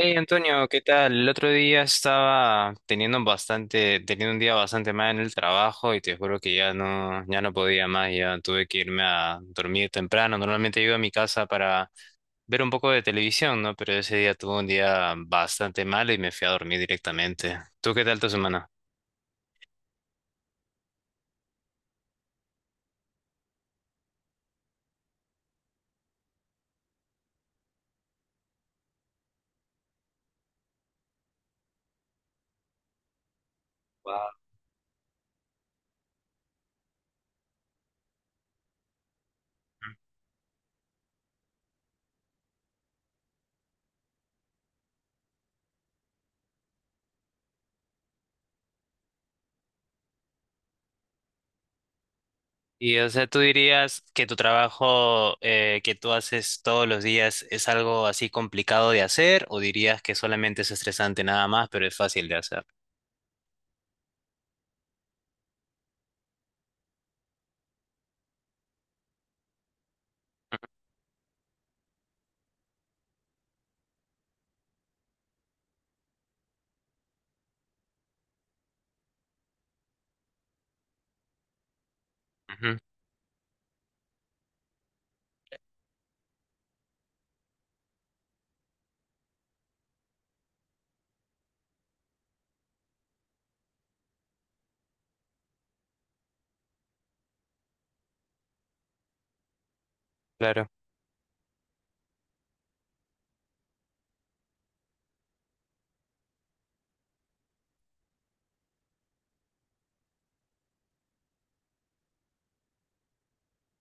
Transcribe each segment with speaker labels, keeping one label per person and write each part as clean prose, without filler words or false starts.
Speaker 1: Hey Antonio, ¿qué tal? El otro día estaba teniendo bastante, teniendo un día bastante mal en el trabajo y te juro que ya no, ya no podía más, ya tuve que irme a dormir temprano. Normalmente llego a mi casa para ver un poco de televisión, ¿no? Pero ese día tuve un día bastante mal y me fui a dormir directamente. ¿Tú qué tal tu semana? Wow. Y o sea, ¿tú dirías que tu trabajo que tú haces todos los días es algo así complicado de hacer o dirías que solamente es estresante nada más, pero es fácil de hacer? Ujú. Claro.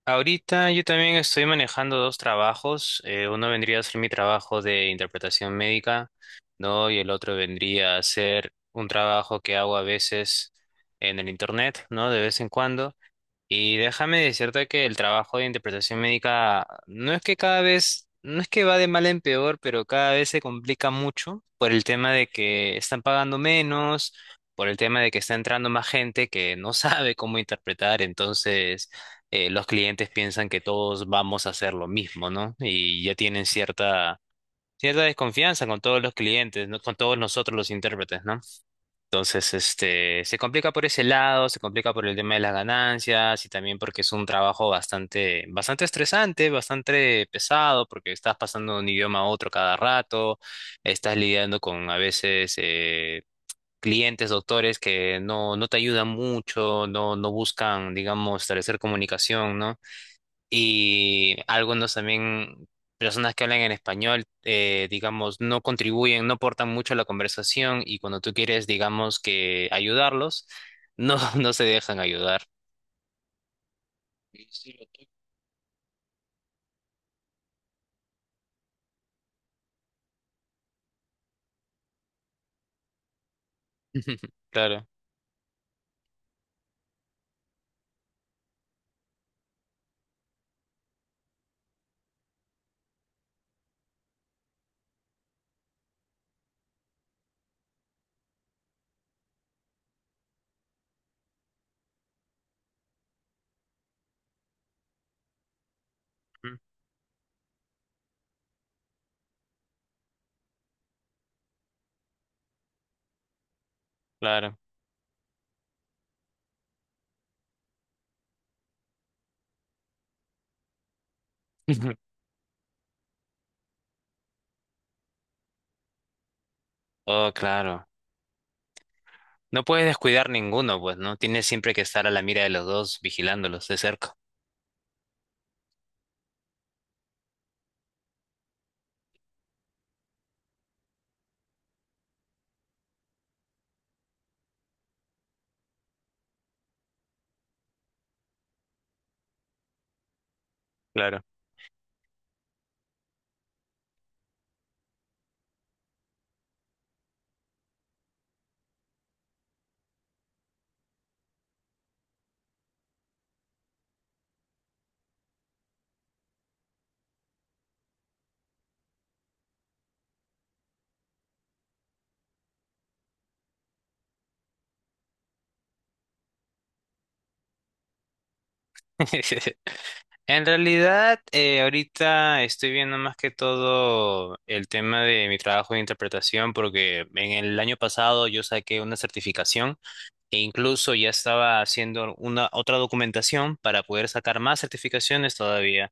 Speaker 1: Ahorita yo también estoy manejando dos trabajos. Uno vendría a ser mi trabajo de interpretación médica, ¿no? Y el otro vendría a ser un trabajo que hago a veces en el internet, ¿no? De vez en cuando. Y déjame decirte que el trabajo de interpretación médica no es que cada vez, no es que va de mal en peor, pero cada vez se complica mucho por el tema de que están pagando menos, por el tema de que está entrando más gente que no sabe cómo interpretar, entonces los clientes piensan que todos vamos a hacer lo mismo, ¿no? Y ya tienen cierta, cierta desconfianza con todos los clientes, ¿no? Con todos nosotros los intérpretes, ¿no? Entonces, se complica por ese lado, se complica por el tema de las ganancias y también porque es un trabajo bastante, bastante estresante, bastante pesado, porque estás pasando de un idioma a otro cada rato, estás lidiando con a veces clientes, doctores que no, no te ayudan mucho, no, no buscan, digamos, establecer comunicación, ¿no? Y algunos también, personas que hablan en español, digamos, no contribuyen, no aportan mucho a la conversación y cuando tú quieres, digamos, que ayudarlos, no, no se dejan ayudar. Claro, mm, claro. Oh, claro. No puedes descuidar ninguno, pues, ¿no? Tienes siempre que estar a la mira de los dos, vigilándolos de cerca. Claro. En realidad, ahorita estoy viendo más que todo el tema de mi trabajo de interpretación porque en el año pasado yo saqué una certificación e incluso ya estaba haciendo una otra documentación para poder sacar más certificaciones todavía,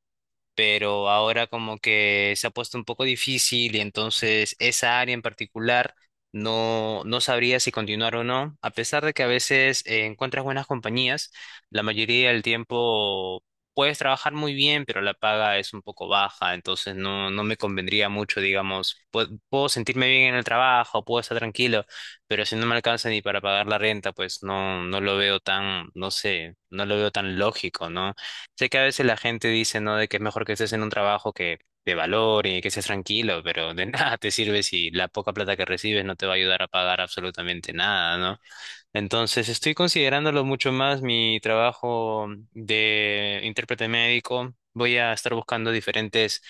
Speaker 1: pero ahora como que se ha puesto un poco difícil y entonces esa área en particular no, no sabría si continuar o no, a pesar de que a veces encuentras buenas compañías, la mayoría del tiempo puedes trabajar muy bien, pero la paga es un poco baja, entonces no, no me convendría mucho, digamos. Pu- puedo sentirme bien en el trabajo, puedo estar tranquilo, pero si no me alcanza ni para pagar la renta, pues no, no lo veo tan, no sé, no lo veo tan lógico, ¿no? Sé que a veces la gente dice, ¿no? De que es mejor que estés en un trabajo que te valore, que seas tranquilo, pero de nada te sirve si la poca plata que recibes no te va a ayudar a pagar absolutamente nada, ¿no? Entonces estoy considerándolo mucho más mi trabajo de intérprete médico. Voy a estar buscando diferentes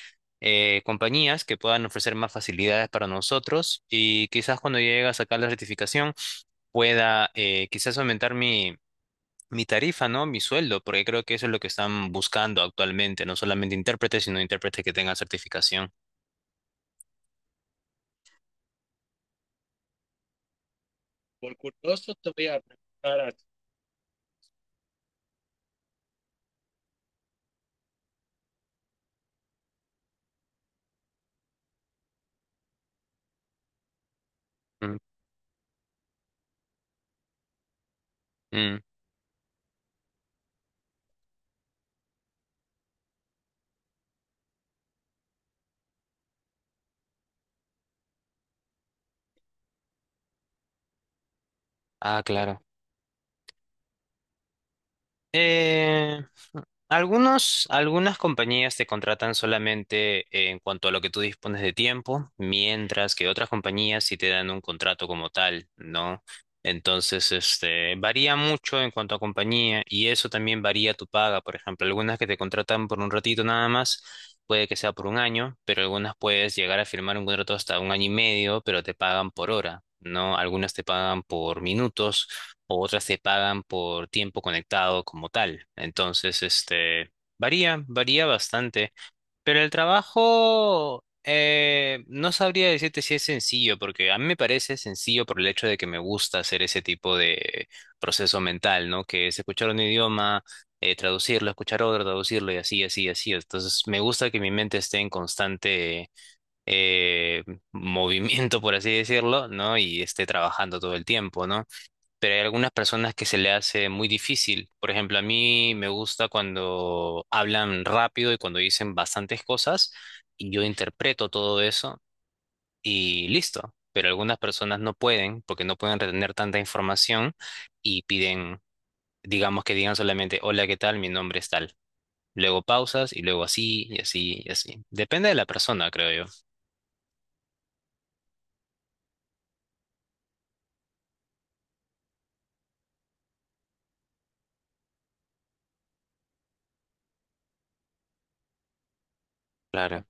Speaker 1: compañías que puedan ofrecer más facilidades para nosotros y quizás cuando llegue a sacar la certificación pueda quizás aumentar mi tarifa, ¿no? Mi sueldo, porque creo que eso es lo que están buscando actualmente, no solamente intérpretes, sino intérpretes que tengan certificación. Mm, mm. Ah, claro. Eh, Algunos, algunas compañías te contratan solamente en cuanto a lo que tú dispones de tiempo, mientras que otras compañías sí te dan un contrato como tal, ¿no? Entonces, varía mucho en cuanto a compañía y eso también varía tu paga. Por ejemplo, algunas que te contratan por un ratito nada más, puede que sea por un año, pero algunas puedes llegar a firmar un contrato hasta un año y medio, pero te pagan por hora, ¿no? Algunas te pagan por minutos o otras te pagan por tiempo conectado como tal. Entonces, varía, varía bastante. Pero el trabajo, no sabría decirte si es sencillo, porque a mí me parece sencillo por el hecho de que me gusta hacer ese tipo de proceso mental, ¿no? Que es escuchar un idioma, traducirlo, escuchar otro, traducirlo y así, así, así. Entonces, me gusta que mi mente esté en constante eh, movimiento, por así decirlo, ¿no? Y esté trabajando todo el tiempo, ¿no? Pero hay algunas personas que se le hace muy difícil. Por ejemplo, a mí me gusta cuando hablan rápido y cuando dicen bastantes cosas y yo interpreto todo eso y listo. Pero algunas personas no pueden porque no pueden retener tanta información y piden, digamos que digan solamente, hola, ¿qué tal? Mi nombre es tal. Luego pausas y luego así y así y así. Depende de la persona, creo yo. Claro.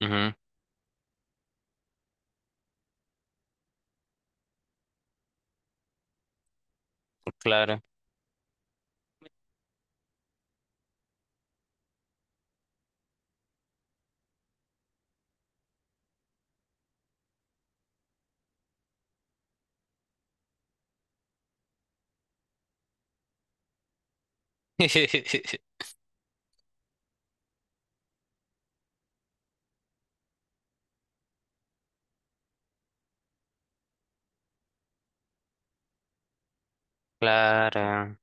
Speaker 1: Ujú. Claro. Claro.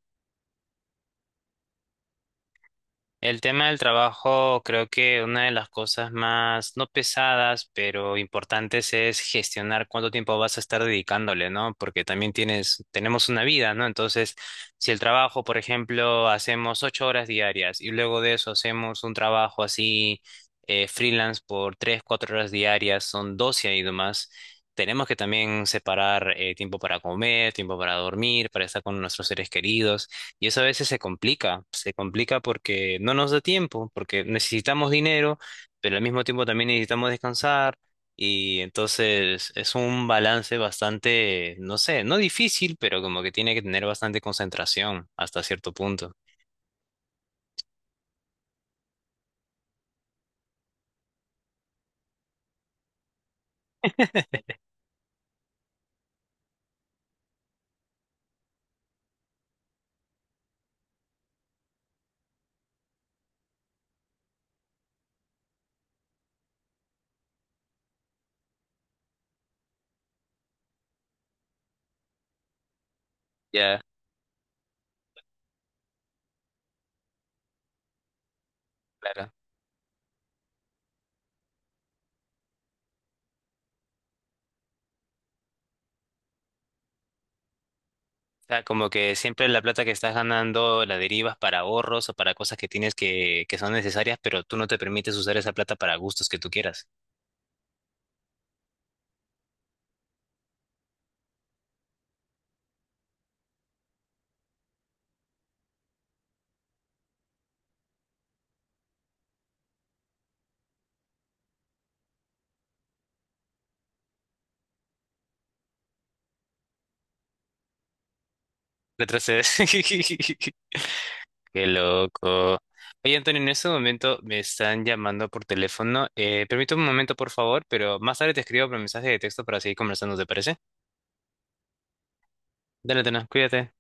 Speaker 1: El tema del trabajo, creo que una de las cosas más, no pesadas, pero importantes es gestionar cuánto tiempo vas a estar dedicándole, ¿no? Porque también tienes, tenemos una vida, ¿no? Entonces, si el trabajo, por ejemplo, hacemos 8 horas diarias y luego de eso hacemos un trabajo así freelance por 3, 4 horas diarias, son 12 y demás. Tenemos que también separar tiempo para comer, tiempo para dormir, para estar con nuestros seres queridos. Y eso a veces se complica porque no nos da tiempo, porque necesitamos dinero, pero al mismo tiempo también necesitamos descansar. Y entonces es un balance bastante, no sé, no difícil, pero como que tiene que tener bastante concentración hasta cierto punto. Ya, claro. O sea, como que siempre la plata que estás ganando la derivas para ahorros o para cosas que tienes que son necesarias, pero tú no te permites usar esa plata para gustos que tú quieras. Retrocedes. Qué loco. Oye, Antonio, en este momento me están llamando por teléfono. Permíteme un momento, por favor, pero más tarde te escribo por mensaje de texto para seguir conversando, ¿te parece? Dale, Tena, cuídate.